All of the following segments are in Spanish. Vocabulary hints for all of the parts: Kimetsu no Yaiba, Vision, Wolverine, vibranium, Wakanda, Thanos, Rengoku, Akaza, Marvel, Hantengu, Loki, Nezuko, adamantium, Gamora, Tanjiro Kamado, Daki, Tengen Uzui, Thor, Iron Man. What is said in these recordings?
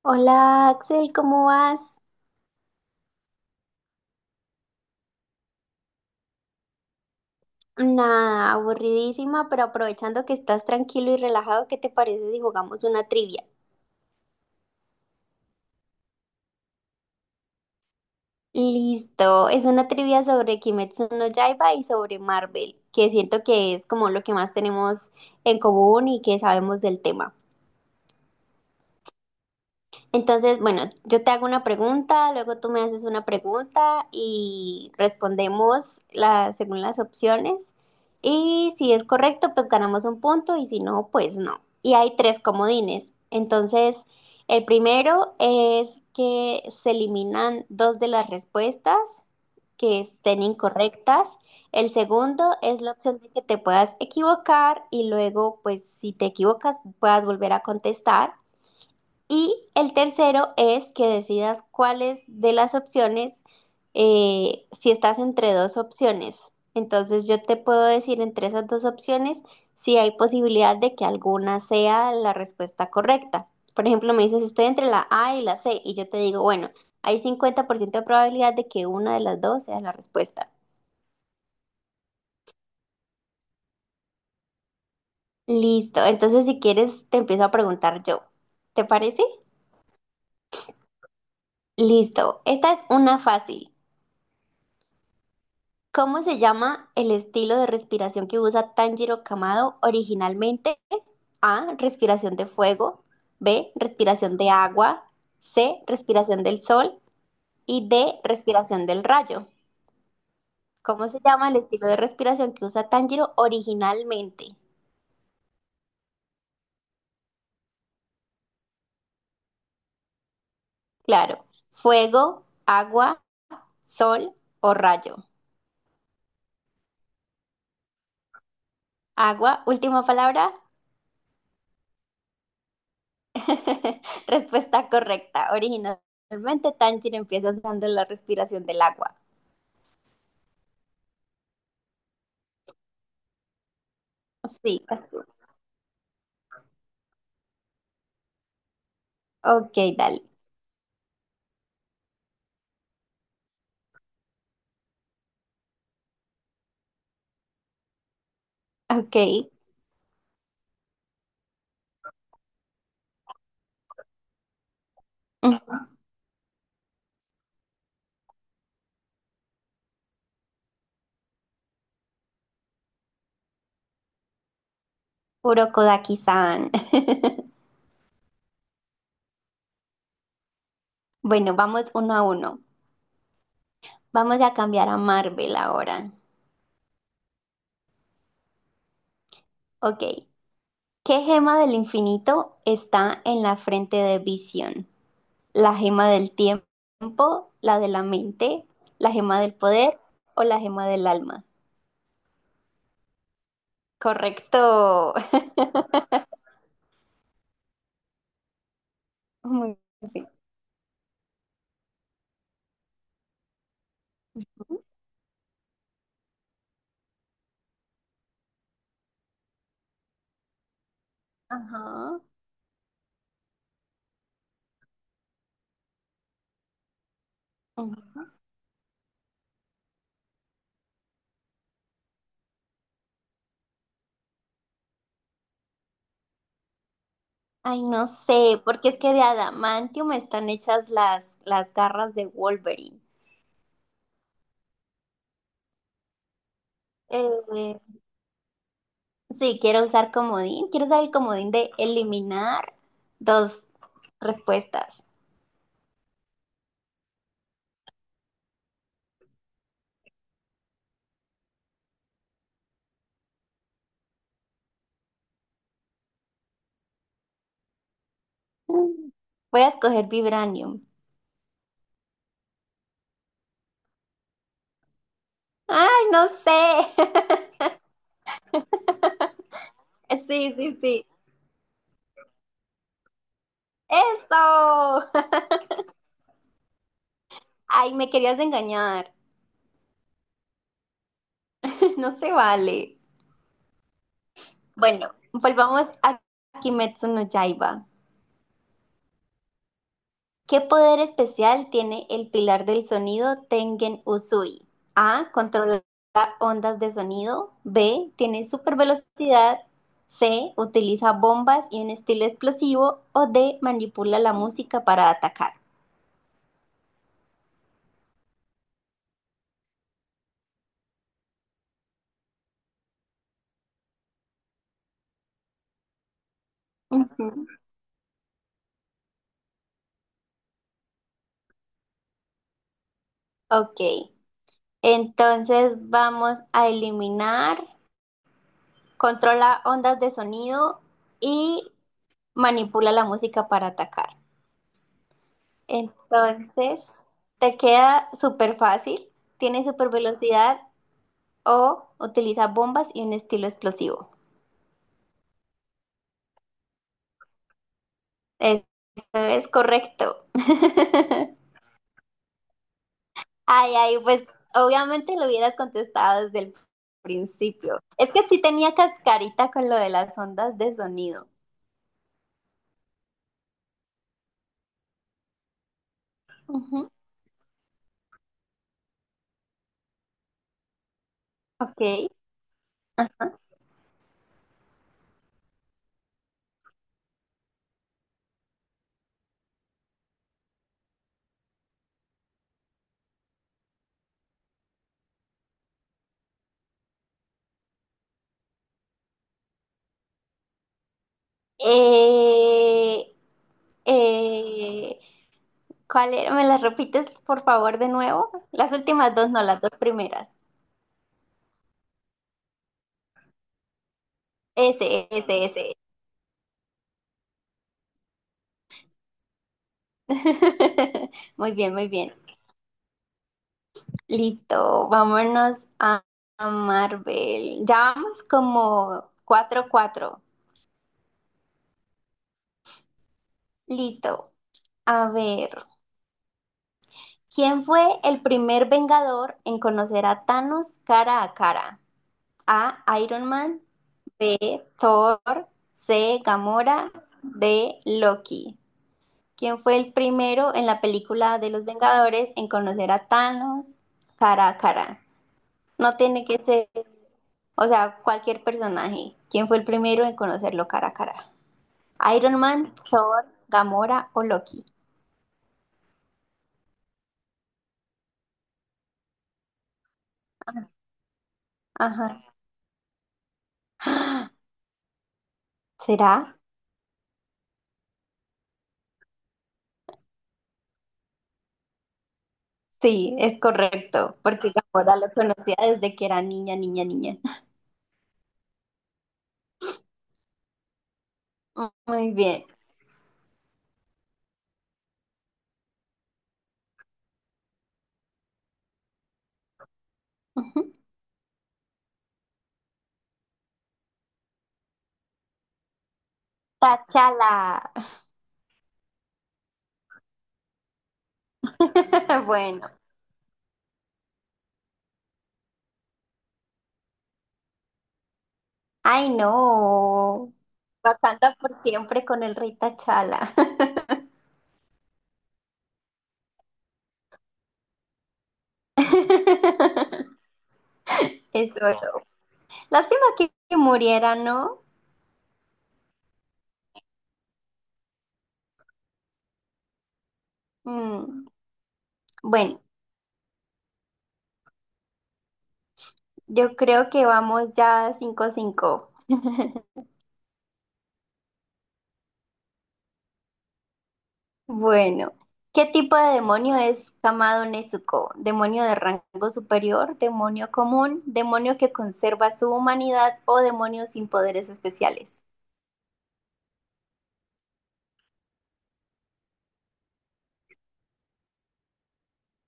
Hola Axel, ¿cómo vas? Nada, aburridísima, pero aprovechando que estás tranquilo y relajado, ¿qué te parece si jugamos una trivia? Listo, es una trivia sobre Kimetsu no Yaiba y sobre Marvel, que siento que es como lo que más tenemos en común y que sabemos del tema. Entonces, bueno, yo te hago una pregunta, luego tú me haces una pregunta y respondemos según las opciones. Y si es correcto, pues ganamos un punto y si no, pues no. Y hay tres comodines. Entonces, el primero es que se eliminan dos de las respuestas que estén incorrectas. El segundo es la opción de que te puedas equivocar y luego, pues si te equivocas, puedas volver a contestar. Y el tercero es que decidas cuáles de las opciones, si estás entre dos opciones. Entonces yo te puedo decir entre esas dos opciones si hay posibilidad de que alguna sea la respuesta correcta. Por ejemplo, me dices, estoy entre la A y la C y yo te digo, bueno, hay 50% de probabilidad de que una de las dos sea la respuesta. Listo, entonces si quieres te empiezo a preguntar yo. ¿Te parece? Listo, esta es una fácil. ¿Cómo se llama el estilo de respiración que usa Tanjiro Kamado originalmente? A. Respiración de fuego. B. Respiración de agua. C. Respiración del sol. Y D. Respiración del rayo. ¿Cómo se llama el estilo de respiración que usa Tanjiro originalmente? Claro, fuego, agua, sol o rayo. Agua, última palabra. Respuesta correcta. Originalmente Tanjiro empieza usando la respiración del agua. Sí, vas tú. Ok, dale. Ok. Kurokodaki-san. Bueno, vamos 1-1. Vamos a cambiar a Marvel ahora. Ok. ¿Qué gema del infinito está en la frente de Vision? ¿La gema del tiempo, la de la mente, la gema del poder o la gema del alma? Correcto. Muy bien. Ajá. Ay, no sé, porque es que de adamantium están hechas las garras de Wolverine. Eh, sí, quiero usar comodín, quiero usar el comodín de eliminar dos respuestas. Mm. Voy a escoger vibranium. Ay, no sé. Sí, sí, sí. Eso. Ay, me querías engañar. No se vale. Bueno, volvamos a Kimetsu no Yaiba. ¿Qué poder especial tiene el pilar del sonido Tengen Uzui? A. Controla ondas de sonido. B. Tiene super velocidad. C. Utiliza bombas y un estilo explosivo. O D. Manipula la música para atacar. Ujú. Ok. Entonces vamos a eliminar. Controla ondas de sonido y manipula la música para atacar. Entonces, te queda súper fácil, tiene súper velocidad o utiliza bombas y un estilo explosivo. Eso es correcto. Ay, ay, pues obviamente lo hubieras contestado desde el principio. Es que sí tenía cascarita con lo de las ondas de sonido. Ujú. Ok. Eh, eh, ¿Cuál era? ¿Me las repites, por favor, de nuevo? Las últimas dos, no, las dos primeras. Ese, ese, ese. Muy bien, muy bien. Listo, vámonos a Marvel. Ya vamos como 4-4. Listo. A ver, ¿quién fue el primer Vengador en conocer a Thanos cara a cara? A, Iron Man, Thor, C, Gamora, D, Loki. ¿Quién fue el primero en la película de los Vengadores en conocer a Thanos cara a cara? No tiene que ser. O sea, cualquier personaje. ¿Quién fue el primero en conocerlo cara a cara? ¿Iron Man, Thor, Gamora o Loki? Ajá. ¿Será? Sí, es correcto, porque Gamora lo conocía desde que era niña, niña, niña. Muy bien. Ujú. Tachala. Bueno. Ay, no. Wakanda por siempre con el rey Tachala. Eso. Lástima que, muriera, ¿no? Mm, Bueno, yo creo que vamos ya 5-5. Bueno, ¿qué tipo de demonio es Kamado Nezuko? ¿Demonio de rango superior, demonio común, demonio que conserva su humanidad o demonio sin poderes especiales?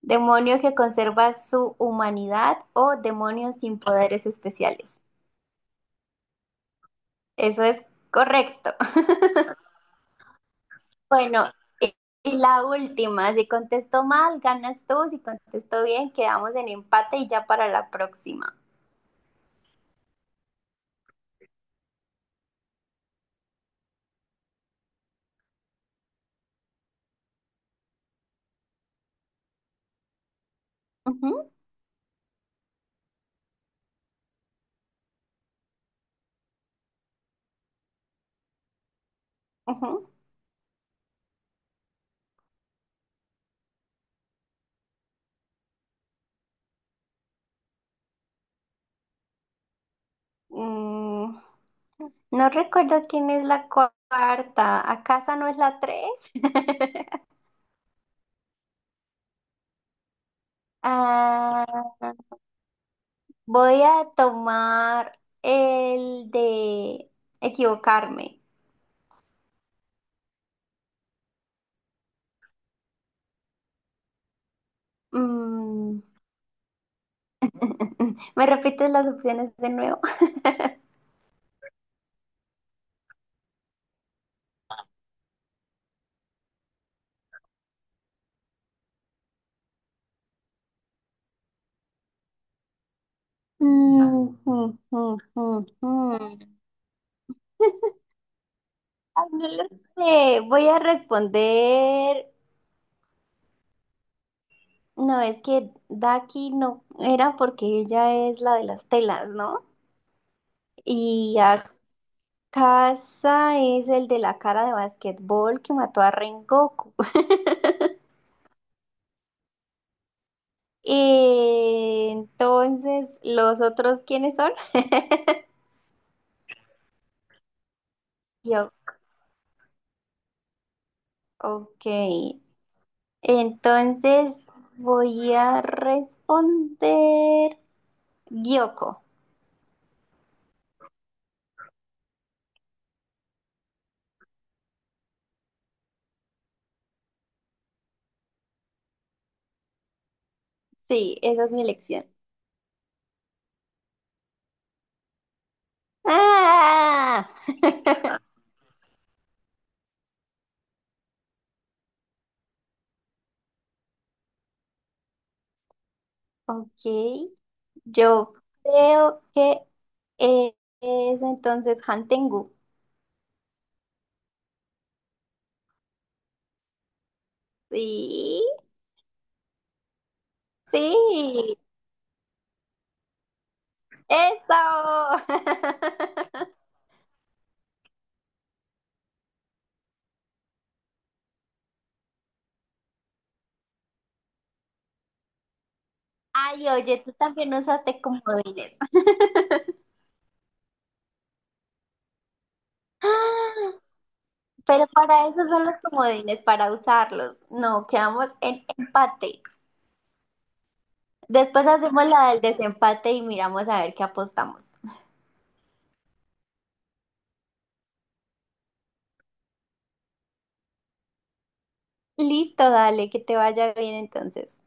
Demonio que conserva su humanidad o demonio sin poderes especiales. Eso es correcto. Bueno, y y la última, si contesto mal, ganas tú, si contesto bien, quedamos en empate y ya para la próxima. Ujú. Ujú. Mm, no recuerdo quién es la cuarta. ¿Acaso no es la tres? Ah, voy a tomar el de equivocarme. Mm. ¿Me repites las opciones de nuevo? Mm, mm, mm, mm, mm. Ay, no lo sé, voy a responder. No, es que Daki no era porque ella es la de las telas, ¿no? Y Akasa es el de la cara de basquetbol que mató a Rengoku. Entonces, ¿los otros quiénes son? Yo, ok. Entonces voy a responder Gyoko. Sí, esa es mi elección. ¡Ah! Ok. Yo creo que eh, es entonces Hantengu. Sí, sí. ¡Eso! Ay, oye, tú también usaste comodines. Pero para eso son los comodines, para usarlos. No, quedamos en empate. Después hacemos la del desempate y miramos a ver qué apostamos. Listo, dale, que te vaya bien entonces.